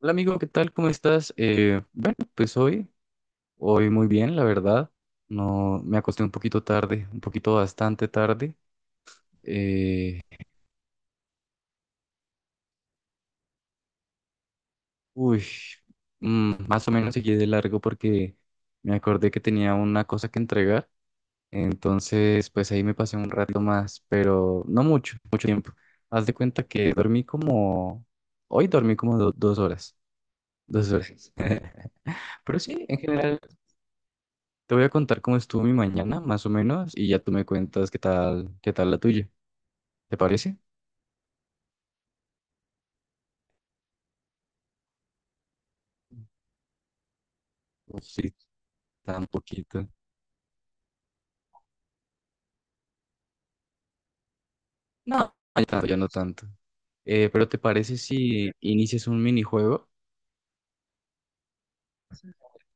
Hola amigo, ¿qué tal? ¿Cómo estás? Bueno, pues hoy muy bien, la verdad. No, me acosté un poquito tarde, un poquito bastante tarde. Eh, Uy, más o menos seguí de largo porque me acordé que tenía una cosa que entregar. Entonces, pues ahí me pasé un rato más, pero no mucho, mucho tiempo. Haz de cuenta que hoy dormí como 2 horas, 2 horas. Pero sí, en general. Te voy a contar cómo estuvo mi mañana, más o menos, y ya tú me cuentas qué tal la tuya. ¿Te parece? O sí, tan poquito. No, ya tanto, ya no tanto. Pero ¿te parece si inicias un minijuego?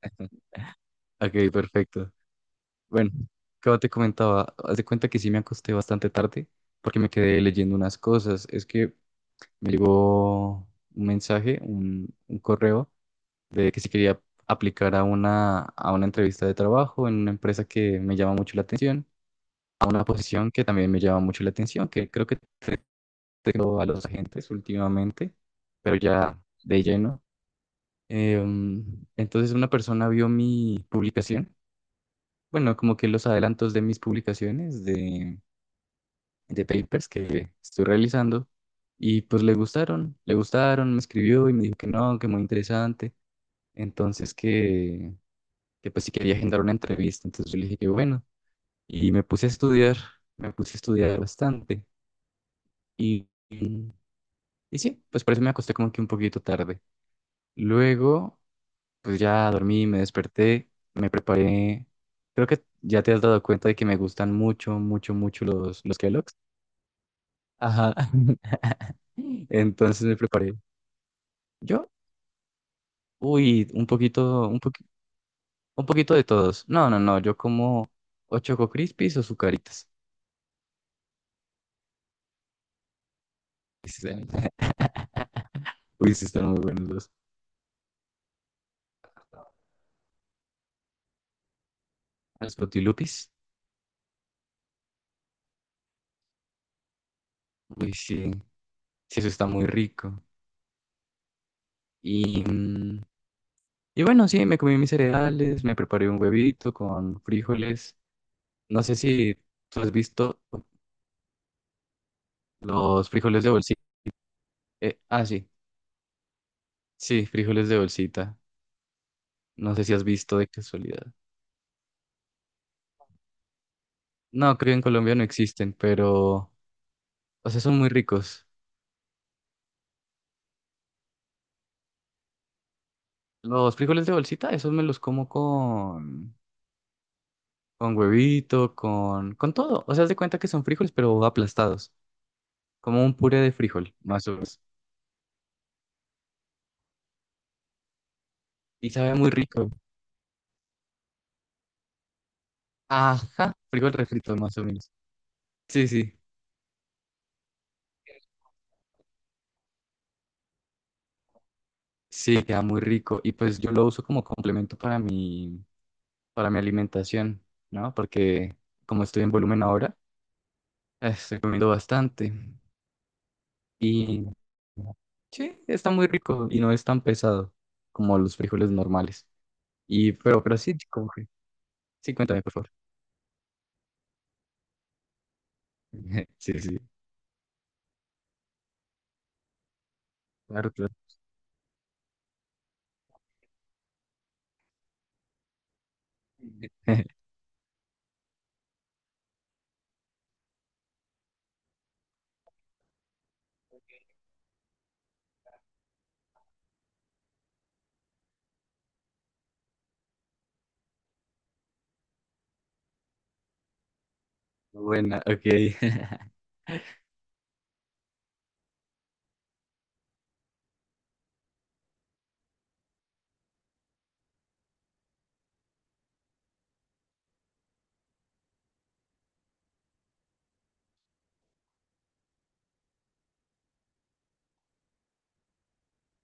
Ok, perfecto. Bueno, como te comentaba, haz de cuenta que sí me acosté bastante tarde porque me quedé leyendo unas cosas. Es que me llegó un correo de que si quería aplicar a una entrevista de trabajo en una empresa que me llama mucho la atención. A una posición que también me llama mucho la atención, que creo que tengo a los agentes últimamente, pero ya de lleno. Entonces una persona vio mi publicación, bueno, como que los adelantos de mis publicaciones de, papers que estoy realizando, y pues le gustaron, me escribió y me dijo que no, que muy interesante, entonces que pues sí quería agendar una entrevista, entonces yo le dije que bueno, y me puse a estudiar, me puse a estudiar bastante. Y, Y sí, pues por eso me acosté como que un poquito tarde. Luego, pues ya dormí, me desperté, me preparé. Creo que ya te has dado cuenta de que me gustan mucho, mucho, mucho los, Kellogg's. Ajá. Entonces me preparé. Yo, uy, un poquito, un poquito de todos. No, no, no, yo como o Choco Crispies o Zucaritas. Sí, uy, sí, están muy buenos los Frutilupis. Uy, sí, sí, eso está muy rico. Y... mm, Y bueno, sí, me comí mis cereales, me preparé un huevito con frijoles. No sé si tú has visto los frijoles de bolsita. Ah, sí, sí, frijoles de bolsita. No sé si has visto de casualidad. No, creo que en Colombia no existen, pero, o sea, son muy ricos. Los frijoles de bolsita, esos me los como con, huevito, con todo. O sea, haz de cuenta que son frijoles, pero aplastados, como un puré de frijol, más o menos. Y sabe muy rico. Ajá, frijol refrito, más o menos. Sí, sí. Sí, queda muy rico. Y pues yo lo uso como complemento para mi alimentación, ¿no? Porque como estoy en volumen ahora, estoy comiendo bastante. Y sí, está muy rico y no es tan pesado como los frijoles normales. Y, pero sí, sí, cuéntame, por favor. Sí, sí, claro, claro. Buena, ok.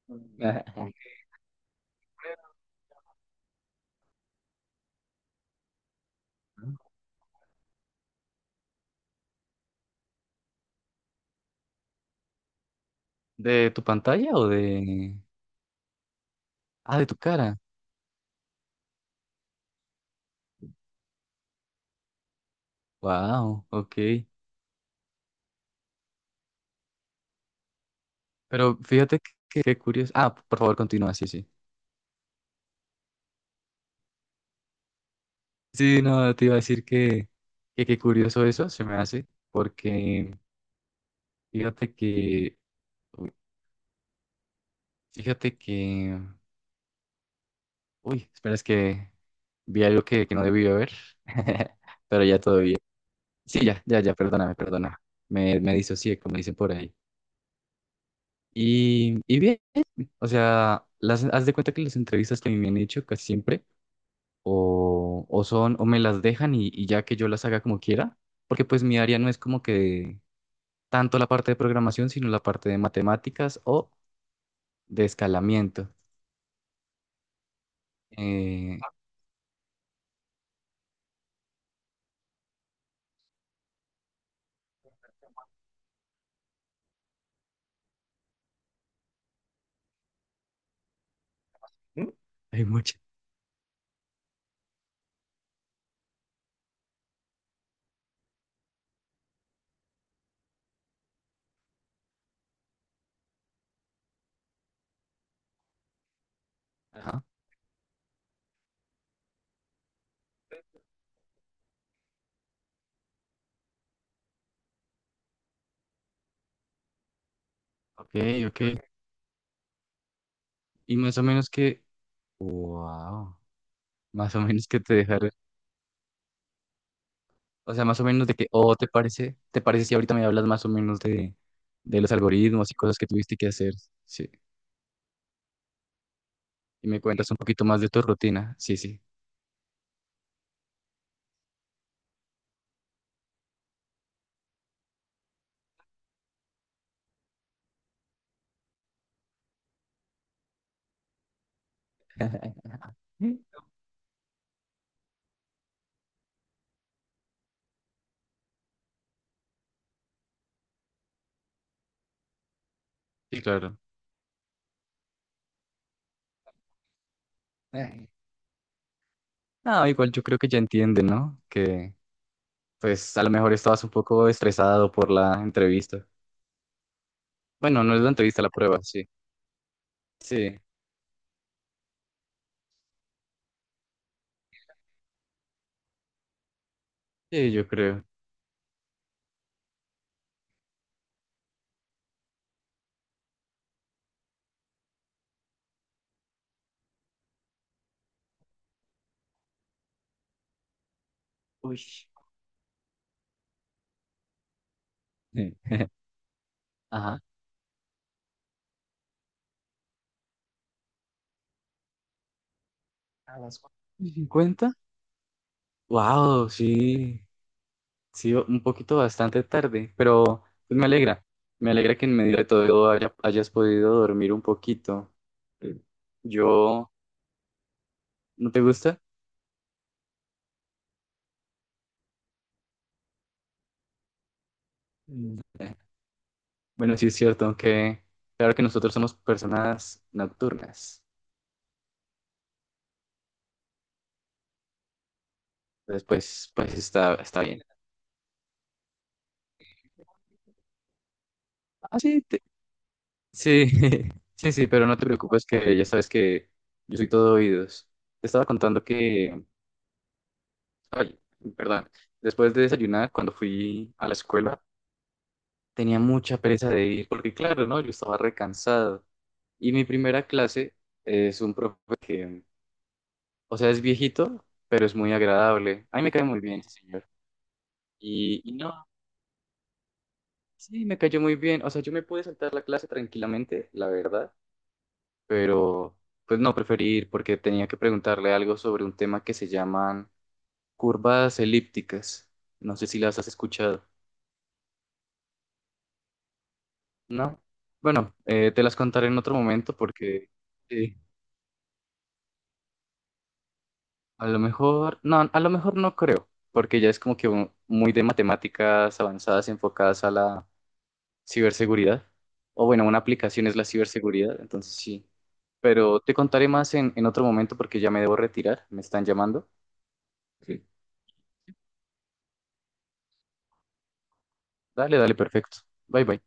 ¿De tu pantalla o de? Ah, de tu cara. Wow, ok. Pero fíjate que, curioso. Ah, por favor, continúa, sí, sí. Sí, no, te iba a decir que qué curioso eso se me hace, porque fíjate que, uy, fíjate que, uy, espera, es que vi algo que no debí ver, pero ya todo bien. Sí, ya, ya, ya, perdóname, perdona. Me disocié, como dicen por ahí. Y bien, o sea, haz de cuenta que las entrevistas que a mí me han hecho casi siempre o me las dejan y ya que yo las haga como quiera, porque pues mi área no es como que tanto la parte de programación, sino la parte de matemáticas o de escalamiento. Eh, ¿Mm? Hay mucho. Ajá. Ok, ok. Y más o menos que, wow, más o menos que te dejaron, o sea, más o menos de que, o te parece si ahorita me hablas más o menos de, los algoritmos y cosas que tuviste que hacer, sí. Y me cuentas un poquito más de tu rutina, sí, sí. Sí, claro. No, igual yo creo que ya entienden, ¿no? Que pues a lo mejor estabas un poco estresado por la entrevista. Bueno, no es la entrevista, la prueba, sí. Sí, sí, yo creo. Uy. Sí. Ajá. A las 4:50. Wow, sí. Sí, un poquito bastante tarde, pero pues, me alegra. Me alegra que en medio de todo hayas podido dormir un poquito. Sí. Yo, ¿no te gusta? Mm. Bueno, sí es cierto, aunque claro que nosotros somos personas nocturnas. Después, pues, está bien. Ah, sí, sí, sí, sí, pero no te preocupes que ya sabes que yo soy todo oídos. Te estaba contando que, ay, perdón, después de desayunar, cuando fui a la escuela, tenía mucha pereza de ir, porque claro, ¿no? Yo estaba recansado. Y mi primera clase es un profe que, o sea, es viejito, pero es muy agradable. A mí me cae muy bien ese señor. Y no, sí, me cayó muy bien. O sea, yo me pude saltar la clase tranquilamente, la verdad, pero pues no preferí ir porque tenía que preguntarle algo sobre un tema que se llaman curvas elípticas. No sé si las has escuchado. No. Bueno, te las contaré en otro momento porque sí, a lo mejor, no, a lo mejor no creo, porque ya es como que muy de matemáticas avanzadas enfocadas a la ciberseguridad. O bueno, una aplicación es la ciberseguridad, entonces sí. Pero te contaré más en, otro momento porque ya me debo retirar, me están llamando. Sí. Dale, dale, perfecto. Bye, bye.